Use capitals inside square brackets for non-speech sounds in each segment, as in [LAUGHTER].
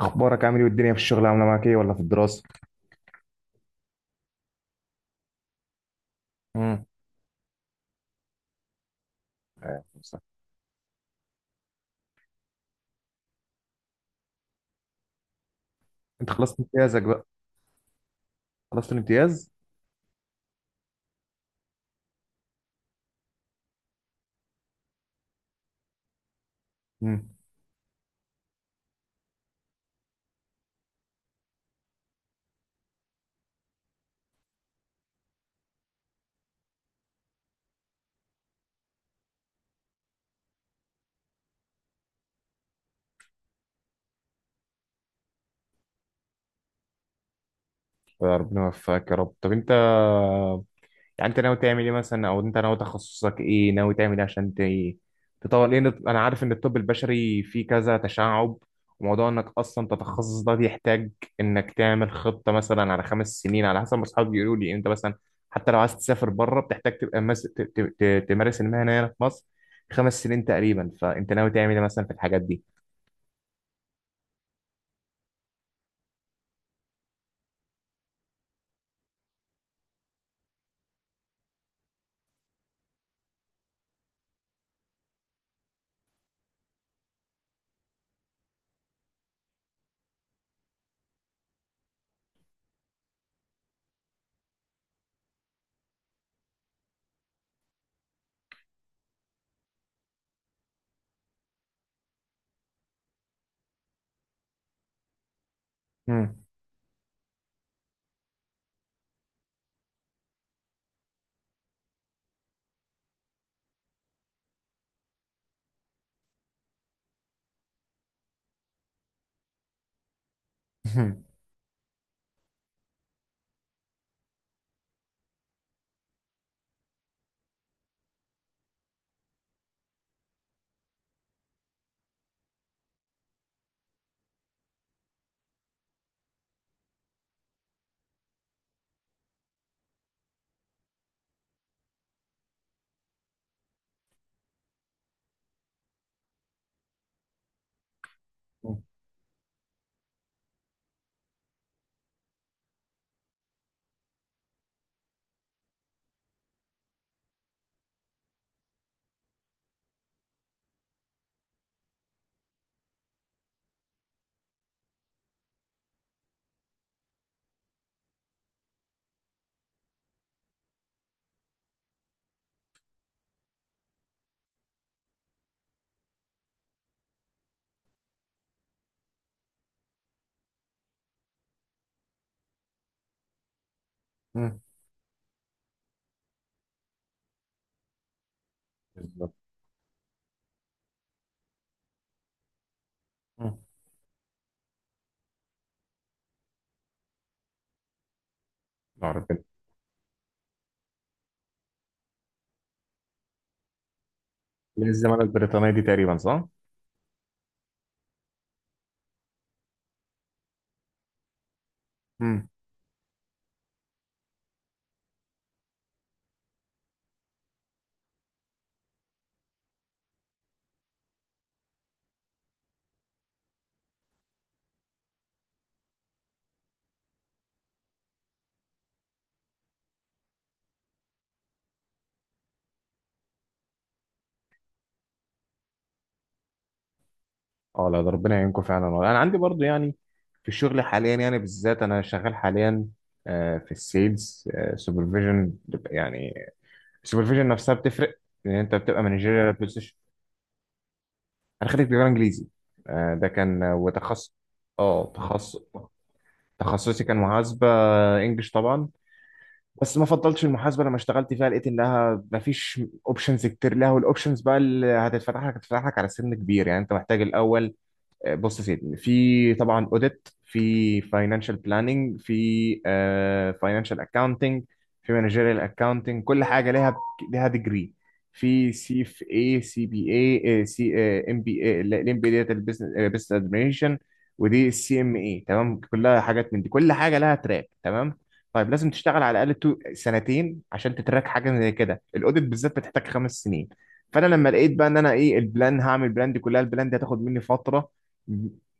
اخبارك عامل ايه والدنيا في الشغل عامله معاك ايه ولا في الدراسه؟ امم. آه، صح. انت خلصت امتيازك بقى؟ خلصت الامتياز؟ امم. ربنا يوفقك يا رب. طب انت يعني انت ناوي تعمل ايه مثلا، او انت ناوي تخصصك ايه، ناوي تعمل ايه عشان تطور، لان انا عارف ان الطب البشري فيه كذا تشعب، وموضوع انك اصلا تتخصص ده بيحتاج انك تعمل خطة مثلا على 5 سنين، على حسب ما اصحابي بيقولوا لي. انت مثلا حتى لو عايز تسافر بره بتحتاج تبقى مس... ت... ت... ت... تمارس المهنة هنا في مصر 5 سنين تقريبا. فانت ناوي تعمل ايه مثلا في الحاجات دي؟ مم. مم. مم. بالظبط. مم. ربنا. زي الزمالة البريطانية دي تقريبا، صح؟ اه، لا، ده ربنا يعينكم فعلا. انا عندي برضو يعني، في الشغل حاليا، يعني بالذات انا شغال حاليا في السيلز، سوبرفيجن يعني. السوبرفيجن نفسها بتفرق، لان انت بتبقى مانجيريال بوزيشن. انا خريج تجاره انجليزي. ده كان وتخصص. اه، تخصص. تخصصي كان محاسبه، انجلش طبعا. بس ما فضلتش المحاسبه، لما اشتغلت فيها لقيت انها ما فيش اوبشنز كتير لها. والاوبشنز بقى اللي هتتفتح لك هتتفتح لك على سن كبير، يعني انت محتاج الاول. بص يا سيدي، في طبعا اوديت، في فاينانشال بلاننج، في فاينانشال اكاونتنج، في مانجيريال اكاونتنج، كل حاجه ليها ليها ديجري. في سي في، اي سي بي، اي سي، ام بي اي، الام بي ديت البيزنس ادمنستريشن، ودي السي ام اي. تمام، كلها حاجات من دي، كل حاجه لها تراك. تمام. طيب لازم تشتغل على الاقل سنتين عشان تتراك حاجه زي كده. الاوديت بالذات بتحتاج 5 سنين. فانا لما لقيت بقى ان انا ايه البلان، هعمل البلان دي كلها، البلان دي هتاخد مني فتره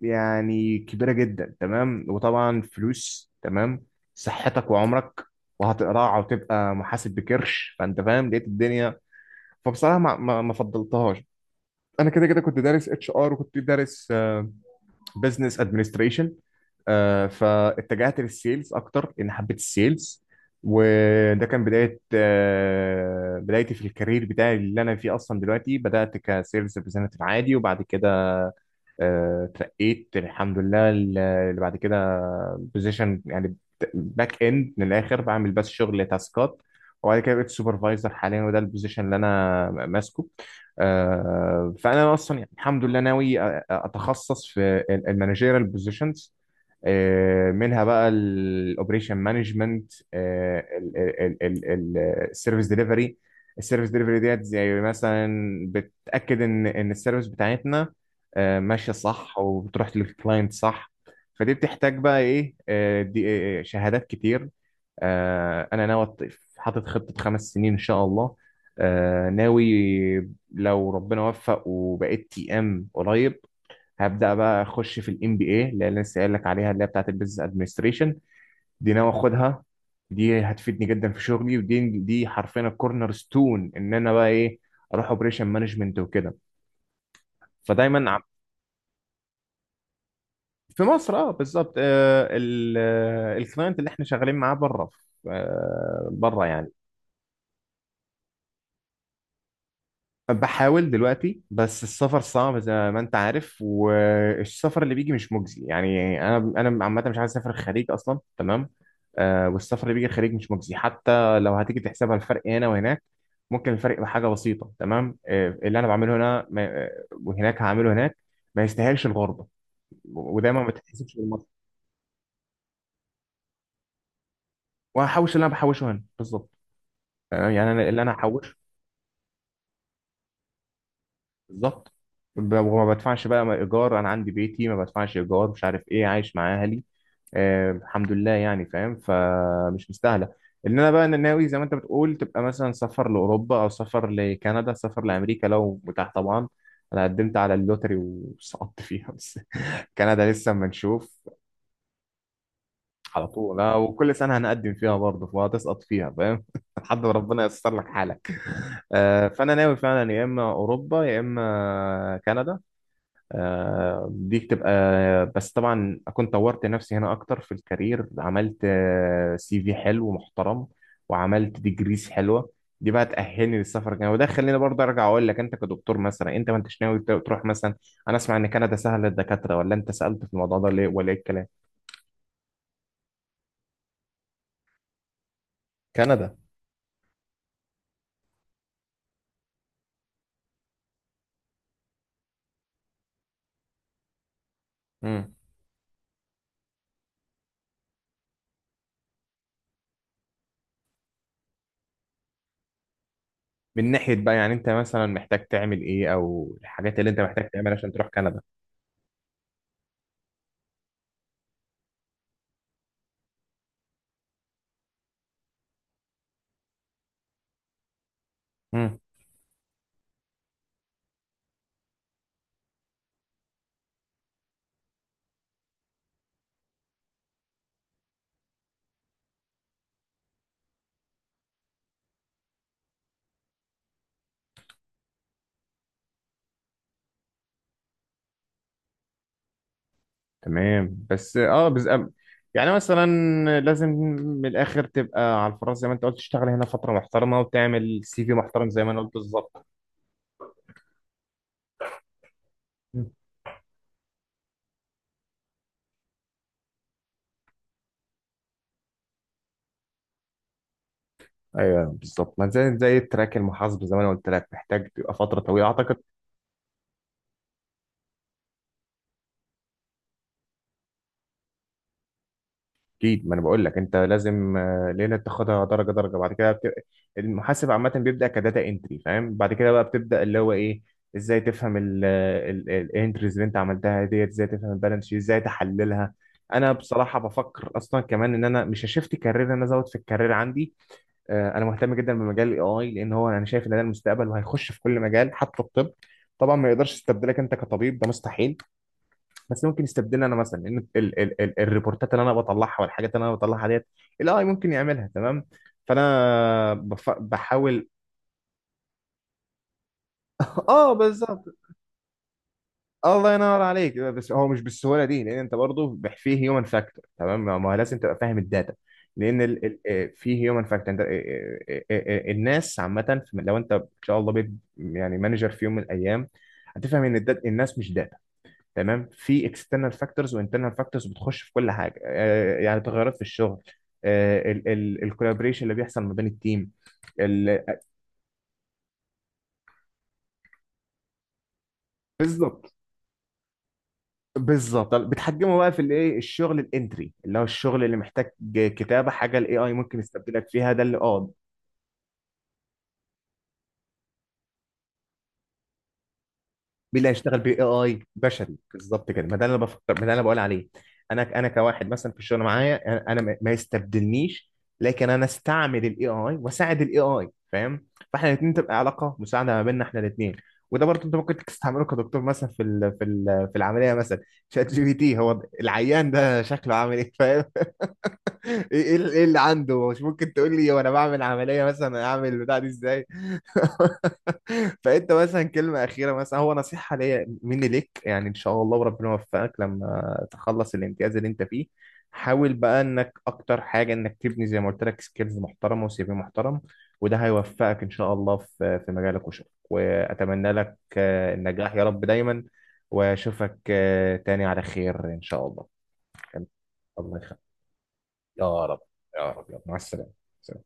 يعني كبيرة جدا، تمام. وطبعا فلوس، تمام، صحتك وعمرك، وهتقرع وتبقى محاسب بكرش، فانت فاهم، لقيت الدنيا. فبصراحة ما فضلتهاش. انا كده كده كنت دارس اتش ار، وكنت دارس بزنس ادمنستريشن، فاتجهت للسيلز اكتر لان حبيت السيلز. وده كان بداية، بدايتي في الكارير بتاعي اللي انا فيه اصلا دلوقتي. بدأت كسيلز ريبريزنتيف عادي، وبعد كده اترقيت الحمد لله اللي بعد كده بوزيشن يعني باك اند. من الاخر بعمل بس شغل تاسكات. وبعد كده بقيت سوبرفايزر حاليا، وده البوزيشن اللي انا ماسكه. فانا اصلا يعني الحمد لله ناوي اتخصص في المانجيرال بوزيشنز، منها بقى الاوبريشن مانجمنت، السيرفيس ديليفري. السيرفيس ديليفري ديت زي مثلا بتاكد ان السيرفيس بتاعتنا ماشيه صح، وبتروح للكلاينت صح. فدي بتحتاج بقى ايه، آه، دي آه، شهادات كتير. انا ناوي حاطط خطه 5 سنين ان شاء الله. ناوي لو ربنا وفق وبقيت تي ام قريب، هبدأ بقى أخش في الام بي اي اللي أنا لسه قايل لك عليها، اللي هي بتاعت البيزنس ادمنستريشن. دي ناوي آخدها. دي هتفيدني جدا في شغلي، ودي حرفيا الكورنر ستون إن أنا بقى إيه، أروح اوبريشن مانجمنت وكده. فدايما في مصر، أه بالظبط. الكلاينت اللي إحنا شغالين معاه بره بره يعني. بحاول دلوقتي، بس السفر صعب زي ما انت عارف. والسفر اللي بيجي مش مجزي. يعني انا عامه مش عايز اسافر الخليج اصلا، تمام. آه، والسفر اللي بيجي الخليج مش مجزي، حتى لو هتيجي تحسبها الفرق هنا وهناك ممكن الفرق بحاجه بسيطه، تمام. آه، اللي انا بعمله هنا ما وهناك هعمله هناك، ما يستاهلش الغربه. ودايما ما تتحسبش بالمصري. وهحوش اللي انا بحوشه هنا، بالظبط. تمام؟ يعني انا اللي انا هحوشه. بالظبط. وما بدفعش بقى ايجار، انا عندي بيتي، ما بدفعش ايجار، مش عارف ايه، عايش مع اهلي، آه الحمد لله يعني فاهم، فمش مستاهله ان انا بقى. أنا ناوي زي ما انت بتقول تبقى مثلا سفر لاوروبا او سفر لكندا، سفر لامريكا لو متاح طبعا. انا قدمت على اللوتري وسقطت فيها بس. [LAUGHS] كندا لسه اما نشوف. على طول. وكل سنه هنقدم فيها برضه فهتسقط فيها، فاهم. [LAUGHS] لحد ما ربنا ييسر لك حالك. فانا ناوي فعلا يا اما اوروبا يا اما كندا. دي بتبقى، بس طبعا اكون طورت نفسي هنا اكتر في الكارير، عملت سي في حلو ومحترم، وعملت ديجريز حلوه، دي بقى تأهلني للسفر الجاي. وده خليني برضه ارجع اقول لك، انت كدكتور مثلا، انت ما انتش ناوي تروح مثلا؟ انا اسمع ان كندا سهله للدكاتره، ولا انت سألت في الموضوع ده ليه، ولا ايه الكلام؟ كندا. مم. من ناحيه بقى يعني انت مثلا محتاج تعمل ايه، او الحاجات اللي انت محتاج تعملها عشان تروح كندا؟ تمام، بس اه بس يعني مثلا، لازم من الاخر تبقى على الفراغ زي ما انت قلت، تشتغل هنا فتره محترمه، وتعمل سي في محترم، زي ما انا قلت بالظبط. مم. ايوه بالظبط. ما زي زي التراك المحاسب زي ما انا قلت لك، محتاج تبقى فتره طويله اعتقد. اكيد. ما انا بقول لك انت لازم ليله تاخدها درجه درجه، بعد كده المحاسب عامه بيبدا كداتا انتري، فاهم. بعد كده بقى بتبدا اللي هو ايه، ازاي تفهم الانتريز اللي انت عملتها ديت، ازاي تفهم البالانس شيت، ازاي تحللها. انا بصراحه بفكر اصلا كمان ان انا مش هشفت كارير، انا ازود في الكارير عندي. انا مهتم جدا بمجال الاي اي، لان هو انا شايف ان ده المستقبل وهيخش في كل مجال، حتى الطب. طبعا ما يقدرش يستبدلك انت كطبيب، ده مستحيل. بس ممكن يستبدلني انا مثلا، لان ال الريبورتات اللي انا بطلعها والحاجات اللي انا بطلعها ديت الاي ممكن يعملها، تمام. فانا بحاول. [LAUGHS] اه بالظبط. الله ينور عليك، بس هو مش بالسهوله دي، لان انت برضه فيه هيومن فاكتور. تمام، ما هو لازم تبقى فاهم الداتا. لان ال... ال... آه، فيه هيومن فاكتور انت. الناس عامه لو انت ان شاء الله بيت يعني مانجر في يوم من الايام، هتفهم ان الناس مش داتا، تمام. في اكسترنال فاكتورز وانترنال فاكتورز بتخش في كل حاجه، يعني تغيرات في الشغل، الكولابريشن اللي بيحصل ما بين التيم ال- بالظبط. بالظبط، بتحجمه بقى في الايه الشغل الانتري، اللي هو الشغل اللي محتاج كتابه حاجه، الاي اي ممكن يستبدلك فيها، ده اللي اه. مين اللي هيشتغل؟ باي اي بشري، بالظبط كده. ما ده اللي انا بفكر، ما ده اللي انا بقول عليه. انا كواحد مثلا في الشغل معايا، انا ما يستبدلنيش. لكن انا استعمل الاي اي واساعد الاي اي، فاهم. فاحنا الاثنين تبقى علاقه مساعده ما بيننا احنا الاثنين. وده برضه انت ممكن تستعمله كدكتور مثلا في العمليه مثلا. شات جي بي تي، هو العيان ده شكله عامل ايه، فاهم. إيه اللي عنده، مش ممكن تقول لي وانا بعمل عمليه مثلا اعمل البتاع دي ازاي؟ [LAUGHS] فانت مثلا كلمه اخيره مثلا هو نصيحه ليا مني ليك، يعني ان شاء الله وربنا يوفقك لما تخلص الامتياز اللي انت فيه، حاول بقى انك اكتر حاجه انك تبني زي ما قلت لك سكيلز محترمه وسي في محترم. وده هيوفقك ان شاء الله في مجالك وشغلك. واتمنى لك النجاح يا رب دايما. واشوفك تاني على خير ان شاء الله. الله يخليك. يا رب. يا رب يا رب. مع السلامة. سلام.